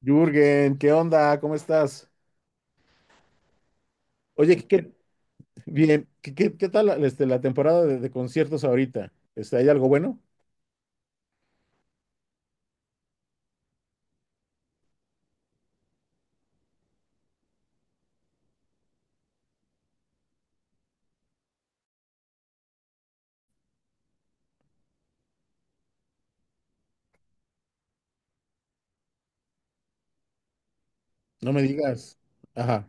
Jürgen, ¿qué onda? ¿Cómo estás? Oye, bien. ¿Qué tal la temporada de conciertos ahorita? ¿Hay algo bueno? No me digas. Ajá,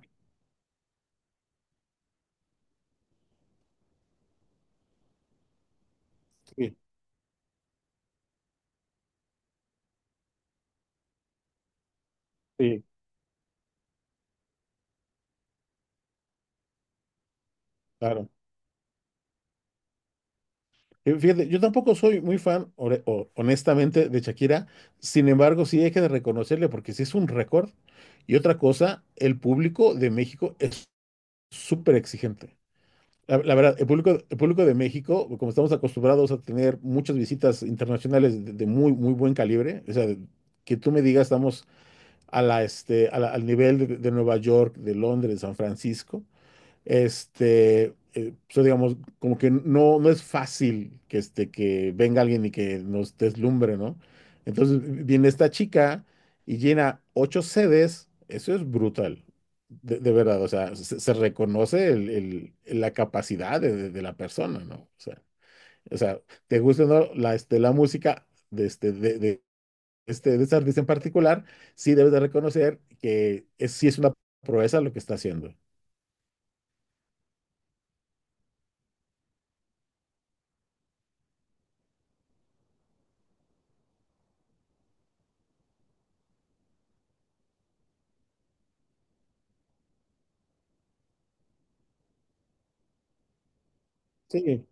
sí, sí, claro. Fíjate, yo tampoco soy muy fan, honestamente, de Shakira. Sin embargo, sí hay que reconocerle porque sí es un récord. Y otra cosa, el público de México es súper exigente. La verdad, el público de México, como estamos acostumbrados a tener muchas visitas internacionales de muy, muy buen calibre, o sea, que tú me digas, estamos a la, este, a la- al nivel de Nueva York, de Londres, de San Francisco, digamos, como que no, no es fácil que, que venga alguien y que nos deslumbre, ¿no? Entonces viene esta chica y llena ocho sedes, eso es brutal, de verdad, o sea, se reconoce la capacidad de la persona, ¿no? O sea, te gusta o no la música de este artista en particular, sí debes de reconocer que sí es una proeza lo que está haciendo. Sí,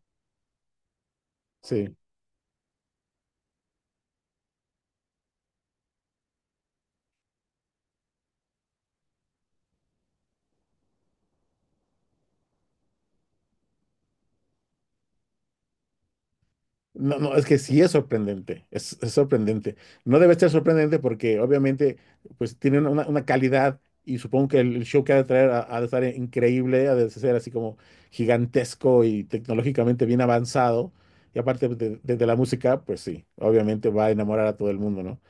sí. No, no, es que sí es sorprendente, es sorprendente. No debe ser sorprendente porque obviamente pues tiene una calidad y supongo que el show que ha de traer ha de estar increíble, ha de ser así como gigantesco y tecnológicamente bien avanzado. Y aparte pues, de la música, pues sí, obviamente va a enamorar a todo el mundo, ¿no?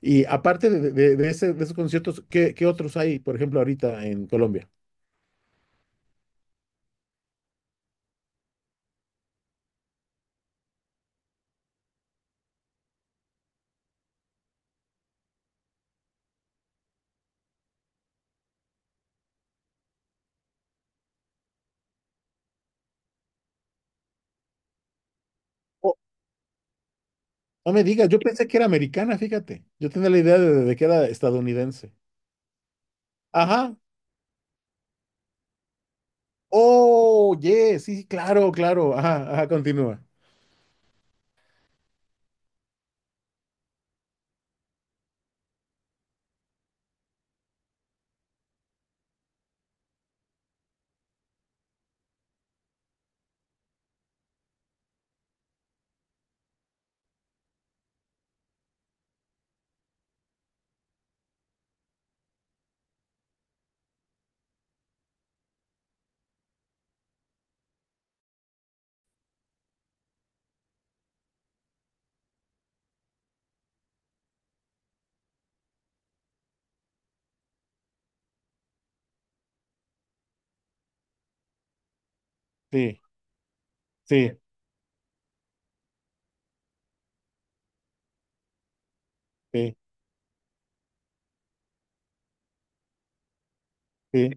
Y aparte de esos conciertos, ¿ qué otros hay, por ejemplo, ahorita en Colombia? Oh, no me digas, yo pensé que era americana, fíjate. Yo tenía la idea de que era estadounidense. Ajá. Oh, yes, sí, sí, claro, claro. Ajá, ajá, continúa. Sí, sí, sí, sí,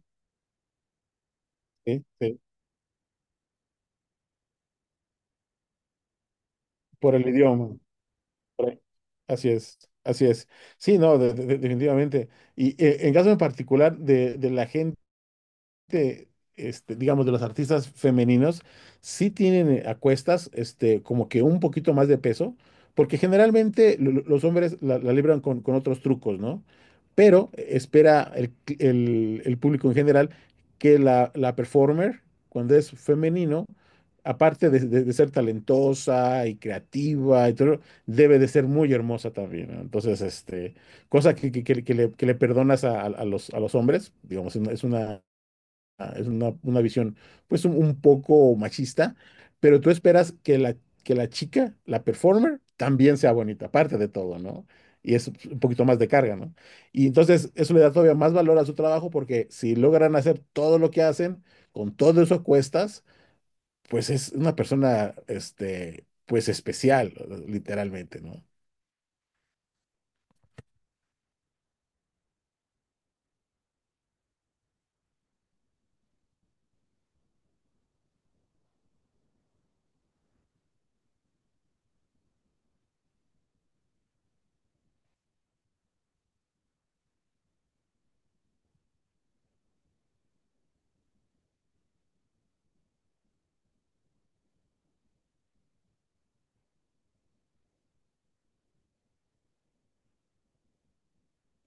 sí, sí. Por el idioma. Por ahí. Así es, así es. Sí, no, definitivamente. Y en caso en particular de la gente. de, digamos, de los artistas femeninos, sí tienen a cuestas, como que un poquito más de peso, porque generalmente los hombres la libran con otros trucos, ¿no? Pero espera el público en general que la performer, cuando es femenino, aparte de ser talentosa y creativa y todo, debe de ser muy hermosa también, ¿no? Entonces, cosa que le perdonas a los hombres, digamos, es una, una visión pues un poco machista, pero tú esperas que la chica, la performer, también sea bonita, aparte de todo, ¿no? Y es un poquito más de carga, ¿no? Y entonces eso le da todavía más valor a su trabajo porque si logran hacer todo lo que hacen, con todo eso cuestas, pues es una persona, pues especial, literalmente, ¿no?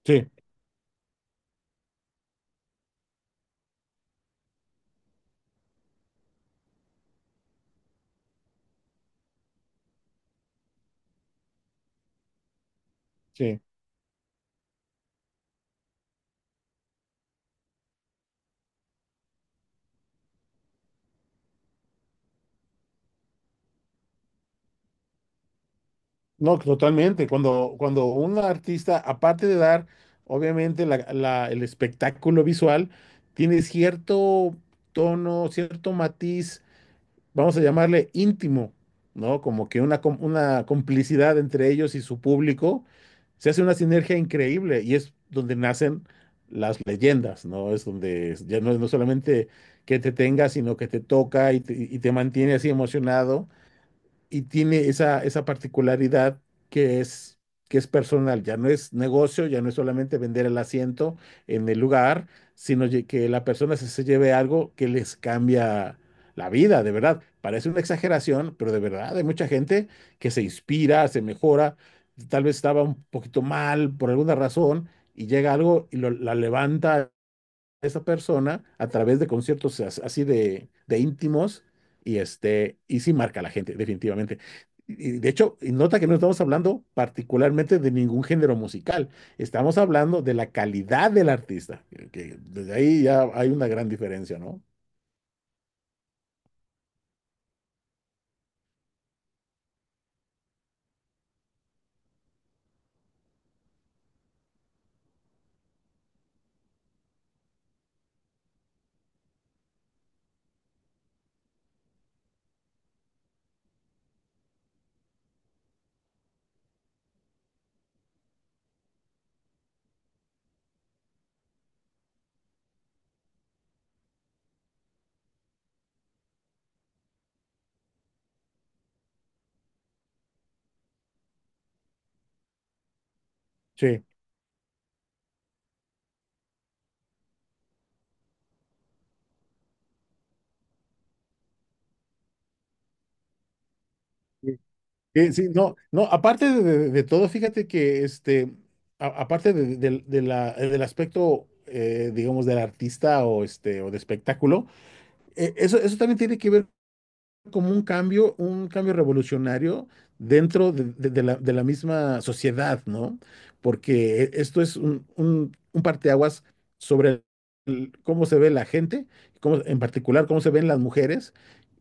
Sí. Sí. No, totalmente. Cuando un artista, aparte de dar, obviamente, el espectáculo visual, tiene cierto tono, cierto matiz, vamos a llamarle íntimo, ¿no? Como que una complicidad entre ellos y su público, se hace una sinergia increíble y es donde nacen las leyendas, ¿no? Es donde ya no, no solamente que te tenga, sino que te toca y te mantiene así emocionado y tiene esa particularidad que es, que es personal, ya no es negocio, ya no es solamente vender el asiento en el lugar, sino que la persona se lleve algo que les cambia la vida, de verdad. Parece una exageración, pero de verdad hay mucha gente que se inspira, se mejora, tal vez estaba un poquito mal por alguna razón y llega algo y la levanta esa persona a través de conciertos así de íntimos y sí marca a la gente, definitivamente. Y de hecho, y nota que no estamos hablando particularmente de ningún género musical, estamos hablando de la calidad del artista, que desde ahí ya hay una gran diferencia, ¿no? Sí. Sí, sí, sí, no, no, aparte de todo, fíjate que aparte del aspecto, digamos, del artista o o de espectáculo, eso también tiene que ver como un cambio revolucionario dentro de la misma sociedad, ¿no? Porque esto es un parteaguas sobre cómo se ve la gente, en particular cómo se ven las mujeres,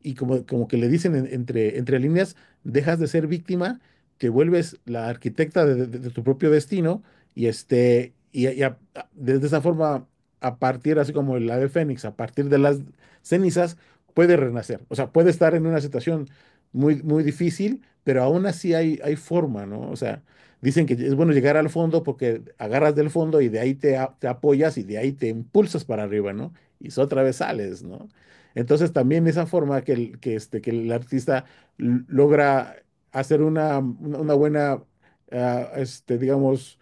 y como que le dicen entre líneas, dejas de ser víctima, te vuelves la arquitecta de tu propio destino, desde esa forma, a partir, así como el ave fénix, a partir de las cenizas, puede renacer, o sea, puede estar en una situación muy, muy difícil, pero aún así hay forma, ¿no? O sea, dicen que es bueno llegar al fondo porque agarras del fondo y de ahí te apoyas y de ahí te impulsas para arriba, ¿no? Y otra vez sales, ¿no? Entonces también esa forma que el artista logra hacer una buena, digamos,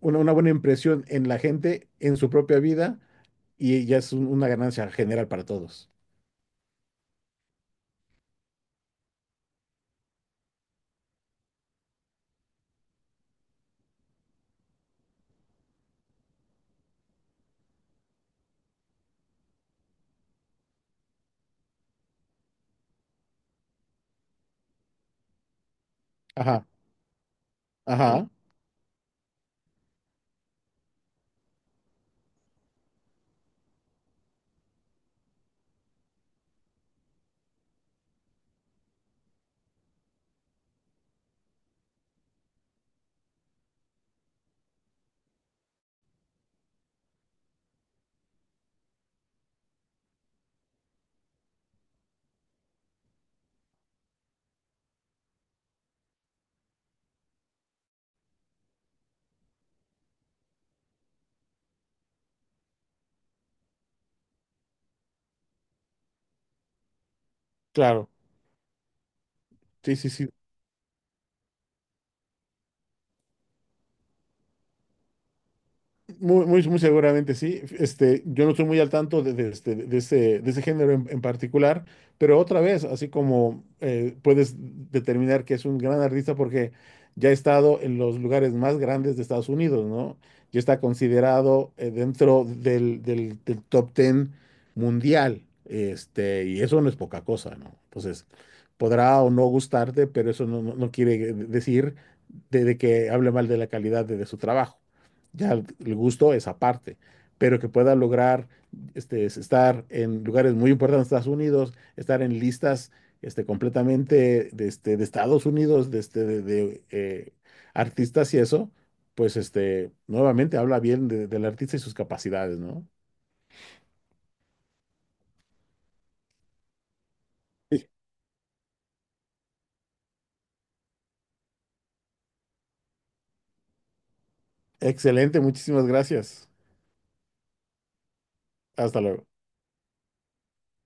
una buena impresión en la gente, en su propia vida, y ya es una ganancia general para todos. Ajá, ajá. Claro, sí, sí, sí. Muy, muy, muy seguramente sí. Yo no estoy muy al tanto de ese género en particular, pero otra vez, así como puedes determinar que es un gran artista porque ya ha estado en los lugares más grandes de Estados Unidos, ¿no? Ya está considerado dentro del top 10 mundial, y eso no es poca cosa, ¿no? Entonces, podrá o no gustarte, pero eso no quiere decir de que hable mal de la calidad de su trabajo. Ya el gusto es aparte, pero que pueda lograr este, es estar en lugares muy importantes de Estados Unidos, estar en listas completamente de Estados Unidos, de, este, de, artistas y eso, pues nuevamente habla bien del artista y sus capacidades, ¿no? Sí. Excelente, muchísimas gracias. Hasta luego.